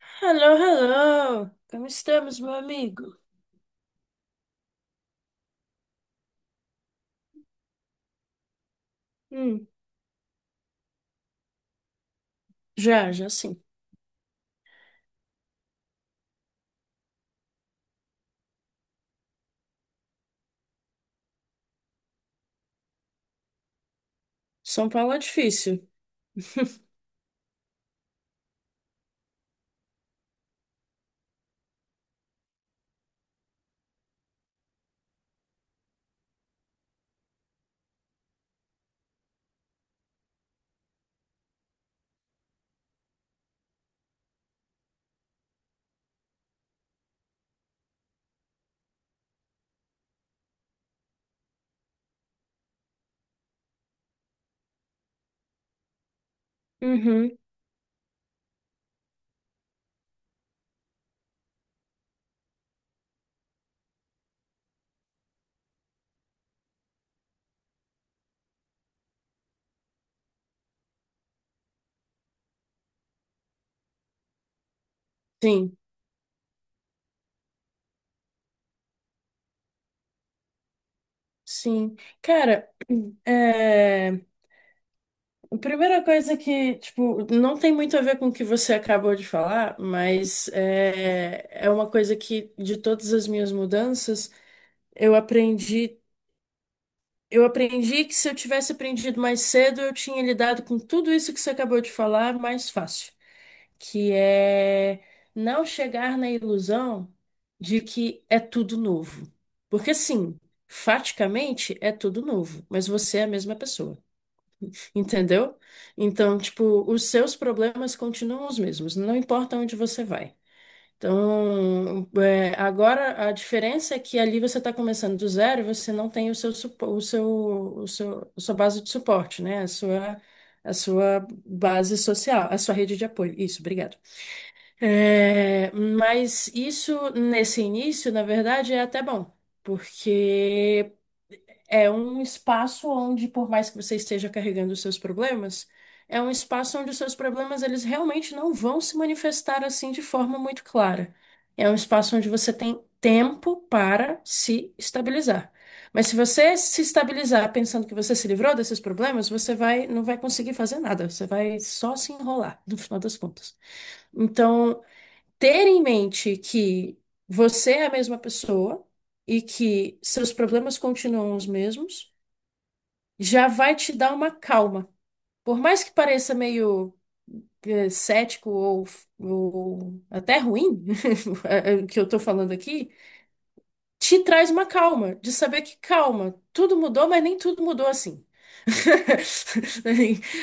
Hello, hello! Como estamos, meu amigo? Hum, já, já sim. São Paulo é difícil. Uhum, sim, sim. Cara, é... a primeira coisa que, tipo, não tem muito a ver com o que você acabou de falar, mas é uma coisa que, de todas as minhas mudanças, eu aprendi. Eu aprendi que se eu tivesse aprendido mais cedo, eu tinha lidado com tudo isso que você acabou de falar mais fácil. Que é não chegar na ilusão de que é tudo novo. Porque sim, faticamente é tudo novo, mas você é a mesma pessoa, entendeu? Então, tipo, os seus problemas continuam os mesmos, não importa onde você vai. Então, agora a diferença é que ali você está começando do zero e você não tem o seu, supo- o seu, a sua base de suporte, né? A sua base social, a sua rede de apoio. Isso, obrigada. É, mas isso, nesse início, na verdade, é até bom, porque é um espaço onde, por mais que você esteja carregando os seus problemas, é um espaço onde os seus problemas eles realmente não vão se manifestar assim de forma muito clara. É um espaço onde você tem tempo para se estabilizar. Mas se você se estabilizar pensando que você se livrou desses problemas, você vai, não vai conseguir fazer nada, você vai só se enrolar, no final das contas. Então, ter em mente que você é a mesma pessoa e que seus problemas continuam os mesmos, já vai te dar uma calma. Por mais que pareça meio cético ou até ruim, o que eu tô falando aqui, te traz uma calma, de saber que calma, tudo mudou, mas nem tudo mudou assim.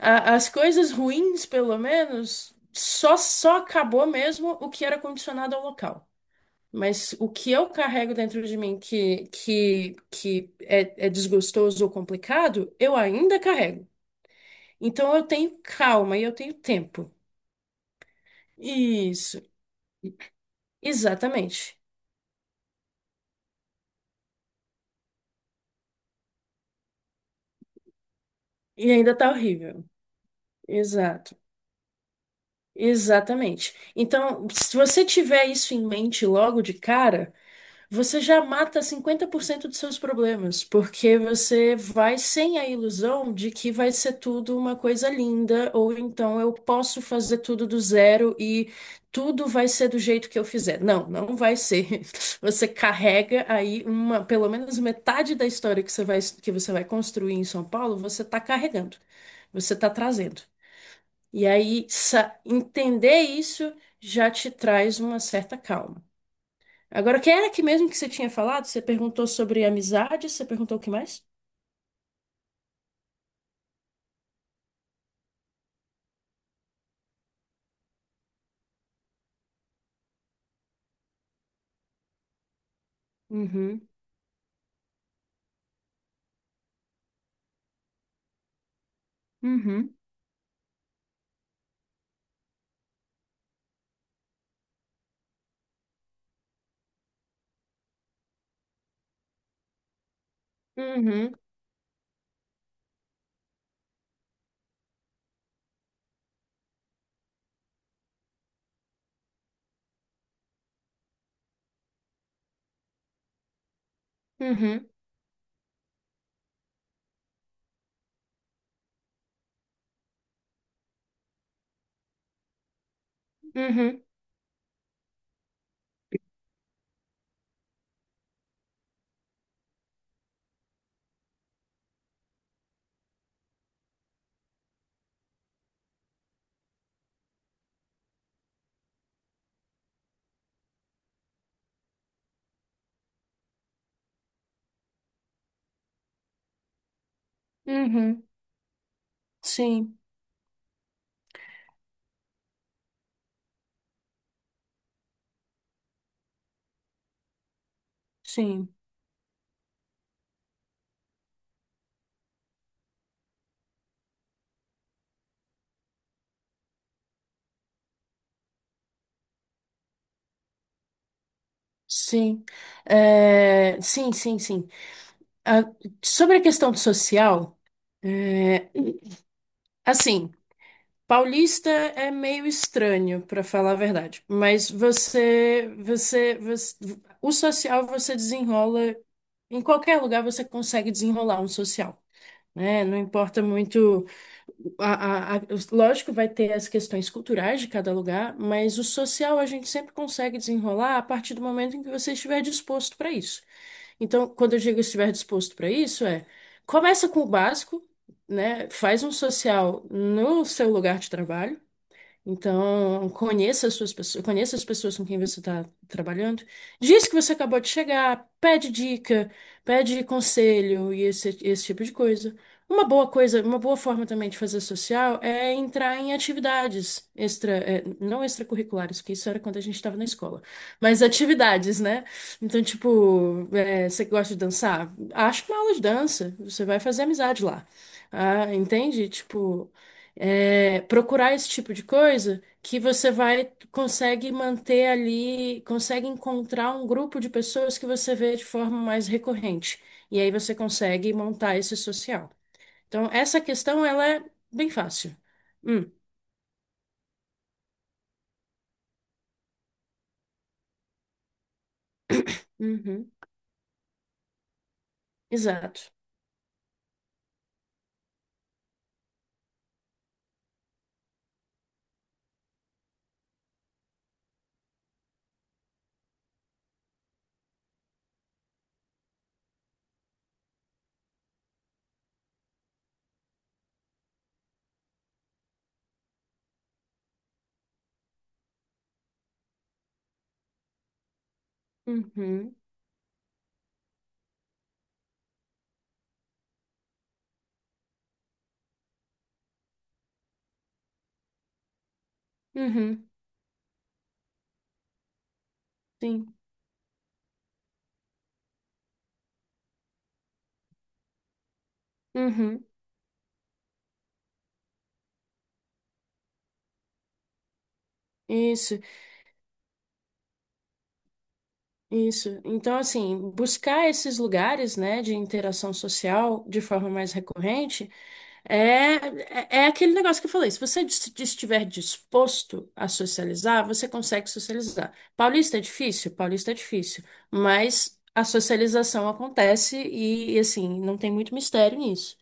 As coisas ruins, pelo menos, só acabou mesmo o que era condicionado ao local. Mas o que eu carrego dentro de mim que é desgostoso ou complicado, eu ainda carrego. Então eu tenho calma e eu tenho tempo. Isso, exatamente. E ainda tá horrível. Exato, exatamente. Então, se você tiver isso em mente logo de cara, você já mata 50% dos seus problemas, porque você vai sem a ilusão de que vai ser tudo uma coisa linda, ou então eu posso fazer tudo do zero e tudo vai ser do jeito que eu fizer. Não, não vai ser. Você carrega aí uma, pelo menos metade da história que você vai construir em São Paulo, você está carregando, você está trazendo. E aí, entender isso já te traz uma certa calma. Agora, que era que mesmo que você tinha falado? Você perguntou sobre amizade, você perguntou o que mais? Uhum, uhum, uhum, uhum, uhum, uhum. Sim, sim, sim. É, sim, sim, sim. Ah, sobre a questão do social, é, assim, paulista é meio estranho, para falar a verdade, mas o social você desenrola, em qualquer lugar você consegue desenrolar um social. Né? Não importa muito. Lógico, vai ter as questões culturais de cada lugar, mas o social a gente sempre consegue desenrolar a partir do momento em que você estiver disposto para isso. Então, quando eu digo estiver disposto para isso, começa com o básico, né? Faz um social no seu lugar de trabalho. Então, conheça as suas pessoas, conheça as pessoas com quem você está trabalhando. Diz que você acabou de chegar, pede dica, pede conselho e esse tipo de coisa. Uma boa coisa, uma boa forma também de fazer social é entrar em atividades extra, não extracurriculares, porque isso era quando a gente estava na escola, mas atividades, né? Então, tipo, você gosta de dançar? Acha uma aula de dança, você vai fazer amizade lá. Ah, entende? Tipo, procurar esse tipo de coisa que você vai consegue manter ali, consegue encontrar um grupo de pessoas que você vê de forma mais recorrente. E aí você consegue montar esse social. Então, essa questão ela é bem fácil. Hum, uhum, exato. Uhum, uhum, sim. Uhum, isso, isso. Então, assim, buscar esses lugares, né, de interação social de forma mais recorrente. É, é aquele negócio que eu falei. Se você estiver disposto a socializar, você consegue socializar. Paulista é difícil? Paulista é difícil. Mas a socialização acontece e, assim, não tem muito mistério nisso.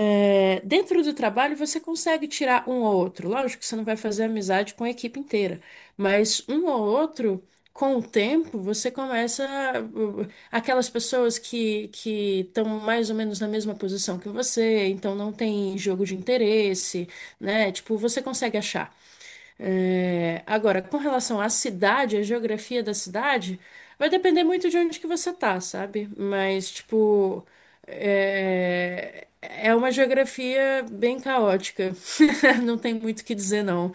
É, dentro do trabalho, você consegue tirar um ou outro. Lógico que você não vai fazer amizade com a equipe inteira, mas um ou outro, com o tempo, você começa. Aquelas pessoas que estão mais ou menos na mesma posição que você, então não tem jogo de interesse, né? Tipo, você consegue achar. É, agora, com relação à cidade, à geografia da cidade, vai depender muito de onde que você tá, sabe? Mas, tipo, é, uma geografia bem caótica. Não tem muito o que dizer, não.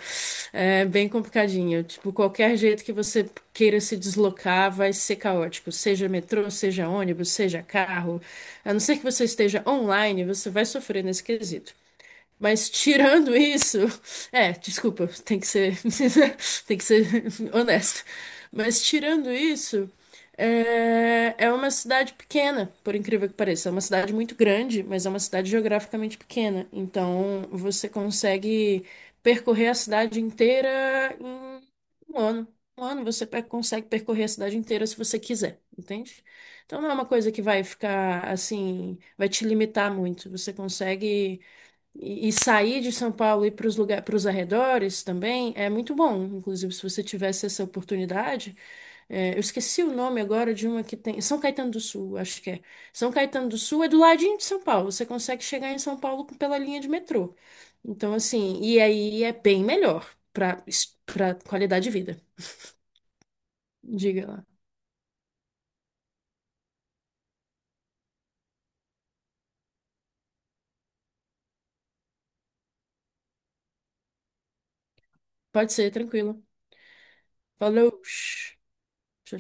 É bem complicadinho. Tipo, qualquer jeito que você queira se deslocar vai ser caótico. Seja metrô, seja ônibus, seja carro. A não ser que você esteja online, você vai sofrer nesse quesito. Mas tirando isso, desculpa, tem que ser honesto. Mas tirando isso, é uma cidade pequena, por incrível que pareça. É uma cidade muito grande, mas é uma cidade geograficamente pequena. Então você consegue percorrer a cidade inteira em um ano. Um ano você consegue percorrer a cidade inteira se você quiser, entende? Então não é uma coisa que vai ficar assim, vai te limitar muito. Você consegue e sair de São Paulo e ir para os lugares, para os arredores também é muito bom. Inclusive, se você tivesse essa oportunidade, eu esqueci o nome agora de uma que tem. São Caetano do Sul, acho que é. São Caetano do Sul é do ladinho de São Paulo. Você consegue chegar em São Paulo pela linha de metrô. Então, assim, e aí é bem melhor para qualidade de vida. Diga lá. Pode ser, tranquilo. Falou. Tchau.